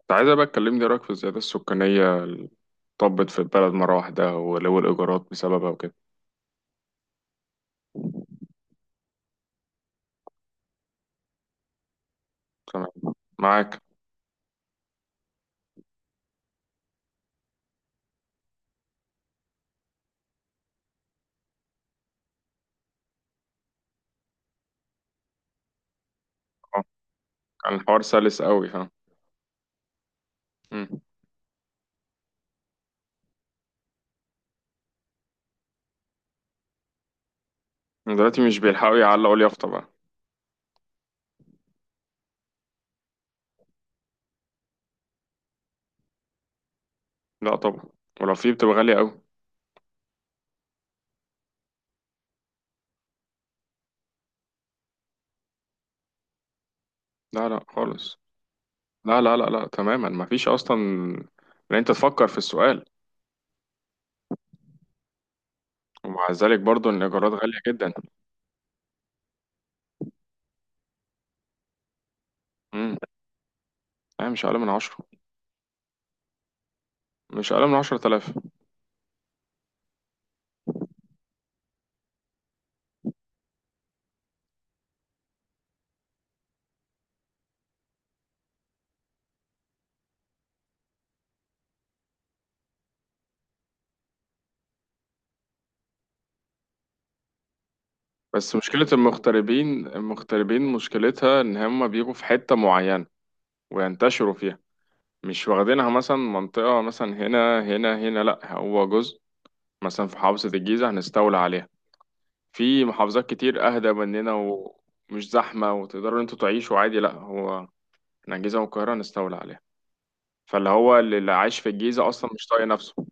كنت عايزة بقى تكلمني إيه رأيك في الزيادة السكانية اللي طبت في البلد مرة واحدة، ولو الإيجارات بسببها وكده. تمام. معاك. اه، كان الحوار سلس قوي، ها. مم. دلوقتي مش بيلحقوا يعلقوا اليافطة بقى. لا طبعا. ولو في بتبقى غالية قوي. لا لا خالص. لا لا لا لا، تماما مفيش أصلا. إن أنت تفكر في السؤال، ومع ذلك برضو إن الإيجارات غالية جدا. مم. لا، مش أقل من عشرة. مش أقل من 10000. بس مشكلة المغتربين، المغتربين مشكلتها إن هما بيجوا في حتة معينة وينتشروا فيها. مش واخدينها مثلا منطقة، مثلا هنا هنا هنا. لأ، هو جزء مثلا في محافظة الجيزة هنستولى عليها. في محافظات كتير أهدى مننا ومش زحمة وتقدروا انتوا تعيشوا عادي. لأ، هو احنا الجيزة والقاهرة هنستولى عليها. فاللي هو اللي عايش في الجيزة أصلا مش طايق نفسه.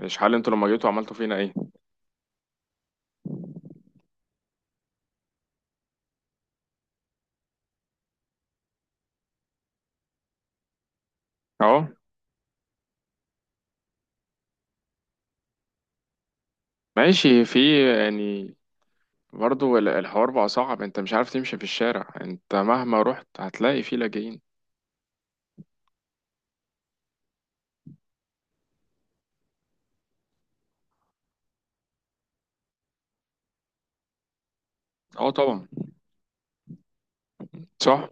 مش حال انتوا لما جيتوا عملتوا فينا ايه؟ اهو ماشي. في يعني برضه الحوار بقى صعب. انت مش عارف تمشي في الشارع، انت مهما رحت هتلاقي فيه لاجئين. اه طبعا. صح.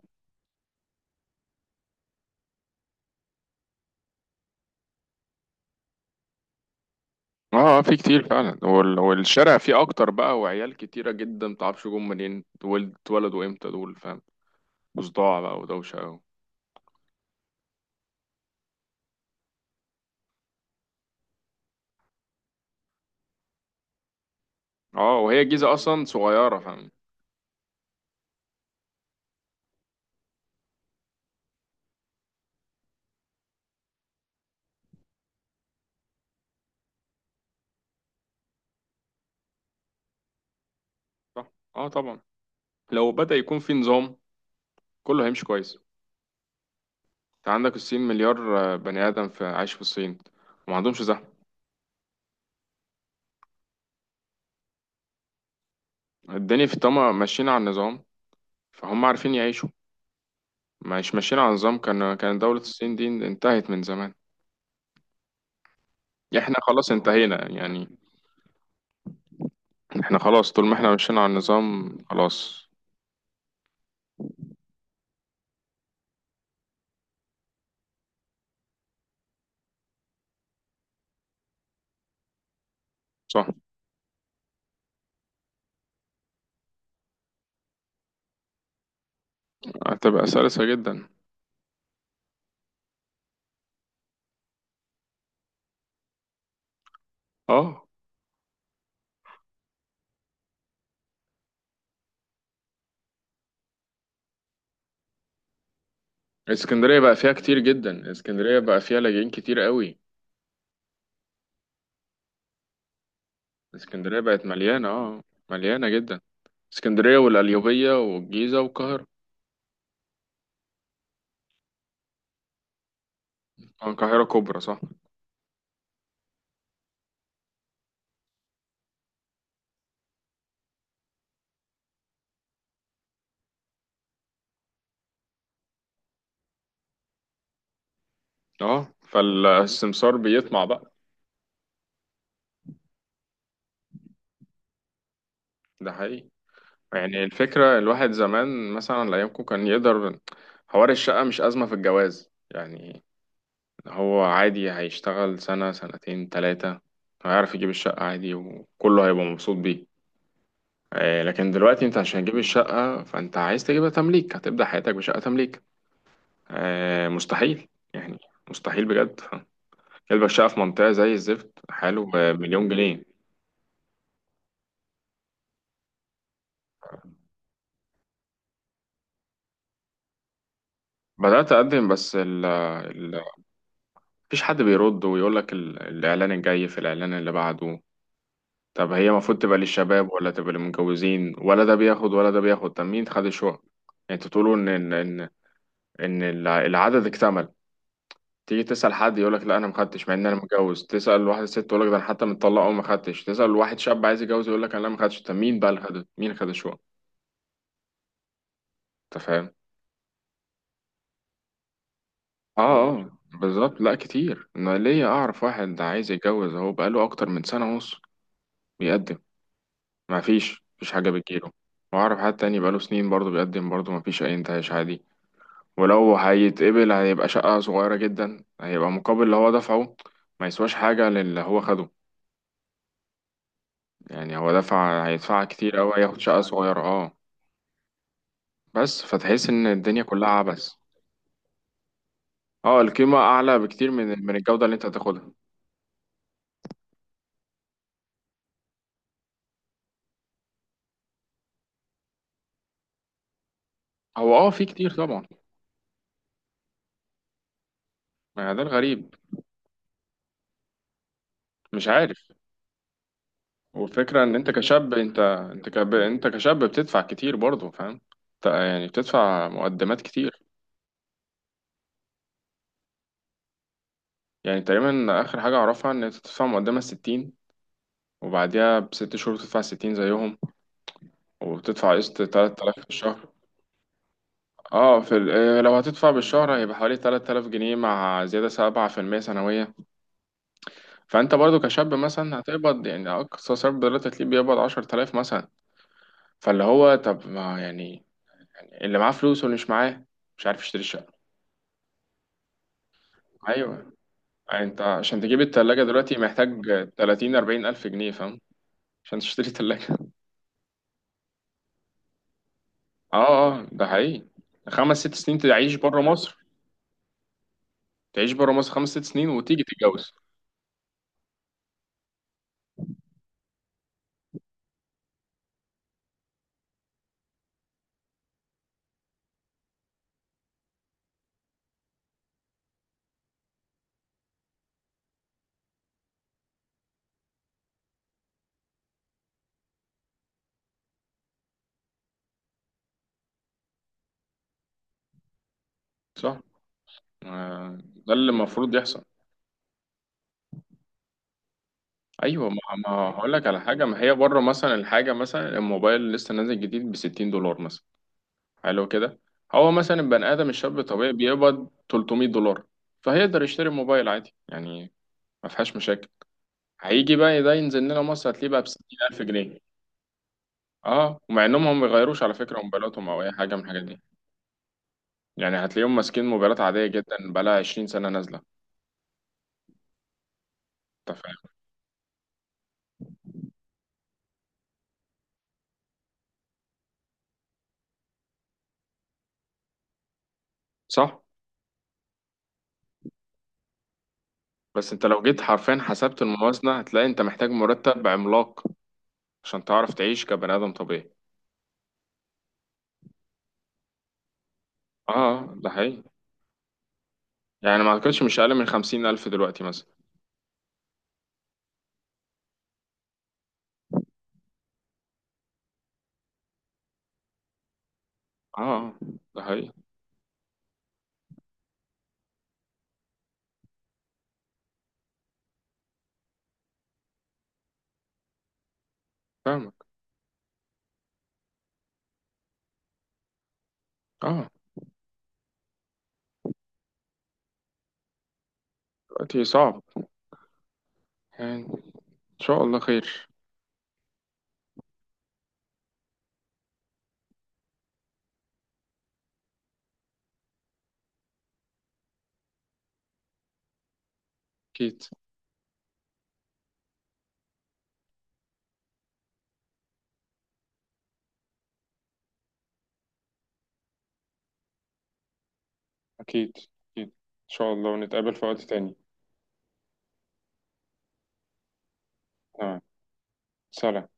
اه في كتير فعلا، والشارع فيه اكتر بقى، وعيال كتيرة جدا متعرفش جم منين، دول اتولدوا امتى؟ دول فاهم. وصداع بقى ودوشة أوي. اه، وهي الجيزة اصلا صغيرة فاهم. صح، اه طبعا. لو بدأ يكون في نظام كله هيمشي كويس. انت عندك الصين، مليار بني ادم في عايش في الصين وما عندهمش زحمة. الدنيا في طما ماشيين على النظام فهم عارفين يعيشوا. مش ماشيين على النظام كان دولة الصين دي انتهت من زمان. احنا خلاص انتهينا يعني. احنا خلاص، طول ما احنا ماشيين على النظام خلاص. صح. هتبقى سلسة جدا. اه، اسكندرية بقى فيها كتير جدا، اسكندرية بقى فيها لاجئين كتير قوي. اسكندرية بقت مليانة، اه. مليانة جدا. اسكندرية والقليوبية والجيزة والقاهرة. اه، القاهرة كبرى صح. اه، فالسمسار بيطمع بقى. ده حقيقي. يعني الفكرة، الواحد زمان مثلا أيامكم كان يقدر. حوار الشقة مش أزمة في الجواز يعني. هو عادي، هيشتغل سنة سنتين تلاتة هيعرف يجيب الشقة عادي وكله هيبقى مبسوط بيه. لكن دلوقتي انت عشان تجيب الشقة فانت عايز تجيبها تمليك، هتبدأ حياتك بشقة تمليك. آه، مستحيل يعني. مستحيل بجد. كلبة الشقة في منطقة زي الزفت حاله بمليون جنيه. بدأت أقدم، بس ال ال مفيش حد بيرد ويقول لك. الإعلان الجاي في الإعلان اللي بعده. طب هي المفروض تبقى للشباب ولا تبقى للمتجوزين؟ ولا ده بياخد ولا ده بياخد؟ طب مين خد الشقة يعني؟ انتوا تقولوا ان ان ان إن العدد اكتمل. تيجي تسأل حد يقول لك لا أنا ما خدتش، مع إن أنا متجوز. تسأل واحد ست تقول لك ده أنا حتى متطلق وما خدتش. تسأل واحد شاب عايز يتجوز يقول لك أنا لا ما خدتش. طب مين بقى اللي خد؟ مين اللي خد شو؟ أنت فاهم؟ آه. آه بالظبط. لا كتير، أنا ليا أعرف واحد ده عايز يتجوز أهو، بقاله أكتر من سنة ونص بيقدم، ما فيش مفيش حاجة بتجيله. وأعرف حد تاني بقاله سنين برضه بيقدم، برضه ما فيش أي انتهاش عادي. ولو هيتقبل هيبقى شقة صغيرة جدا، هيبقى مقابل اللي هو دفعه ما يسواش حاجة للي هو خده. يعني هو هيدفع كتير أوي، هياخد شقة صغيرة، اه. بس فتحس إن الدنيا كلها عبث. اه، القيمة أعلى بكتير من الجودة اللي أنت هتاخدها. هو اه في كتير طبعا. ما ده الغريب، مش عارف. والفكرة إن أنت كشاب أنت أنت كب... أنت كشاب بتدفع كتير برضه فاهم. أنت يعني بتدفع مقدمات كتير. يعني تقريبا آخر حاجة أعرفها إن أنت تدفع مقدمة 60، وبعديها بست شهور تدفع 60 زيهم، وبتدفع قسط 3000 في الشهر. اه في ال- آه، لو هتدفع بالشهر هيبقى حوالي 3000 جنيه مع زيادة 7% سنوية. فانت برضو كشاب مثلا هتقبض، يعني اقصى سبب دلوقتي هتلاقيه بيقبض 10000 مثلا. فاللي هو طب، ما يعني اللي معاه فلوس واللي مش معاه مش عارف يشتري الشقة. ايوه. يعني انت عشان تجيب التلاجة دلوقتي محتاج 30 40 الف جنيه فاهم، عشان تشتري تلاجة اه اه، ده حقيقي. خمس ست سنين تعيش بره مصر. تعيش بره مصر خمس ست سنين وتيجي تتجوز. صح. آه، ده اللي المفروض يحصل. ايوه. ما هقول لك على حاجه. ما هي بره مثلا الحاجه، مثلا الموبايل لسه نازل جديد ب 60 دولار مثلا. حلو كده. هو مثلا البني ادم الشاب الطبيعي بيقبض 300 دولار، فهيقدر يشتري موبايل عادي يعني، ما فيهاش مشاكل. هيجي بقى ده ينزل لنا مصر هتلاقيه بقى ب 60000 جنيه. اه، ومع انهم هم ما بيغيروش على فكره موبايلاتهم او اي حاجه من الحاجات دي. يعني هتلاقيهم ماسكين موبايلات عاديه جدا بقى لها 20 سنه نازله. انت فاهم. صح. بس انت لو جيت حرفيا حسبت الموازنه هتلاقي انت محتاج مرتب عملاق عشان تعرف تعيش كبني آدم طبيعي. اه، ده حقيقي. يعني ما أعتقدش مش أقل من 50000 دلوقتي مثلا. اه، ده حقيقي. فاهمك. اه، دلوقتي صعب. يعني إن شاء الله خير. أكيد. أكيد. أكيد إن شاء الله، ونتقابل في وقت تاني. تمام. سلام.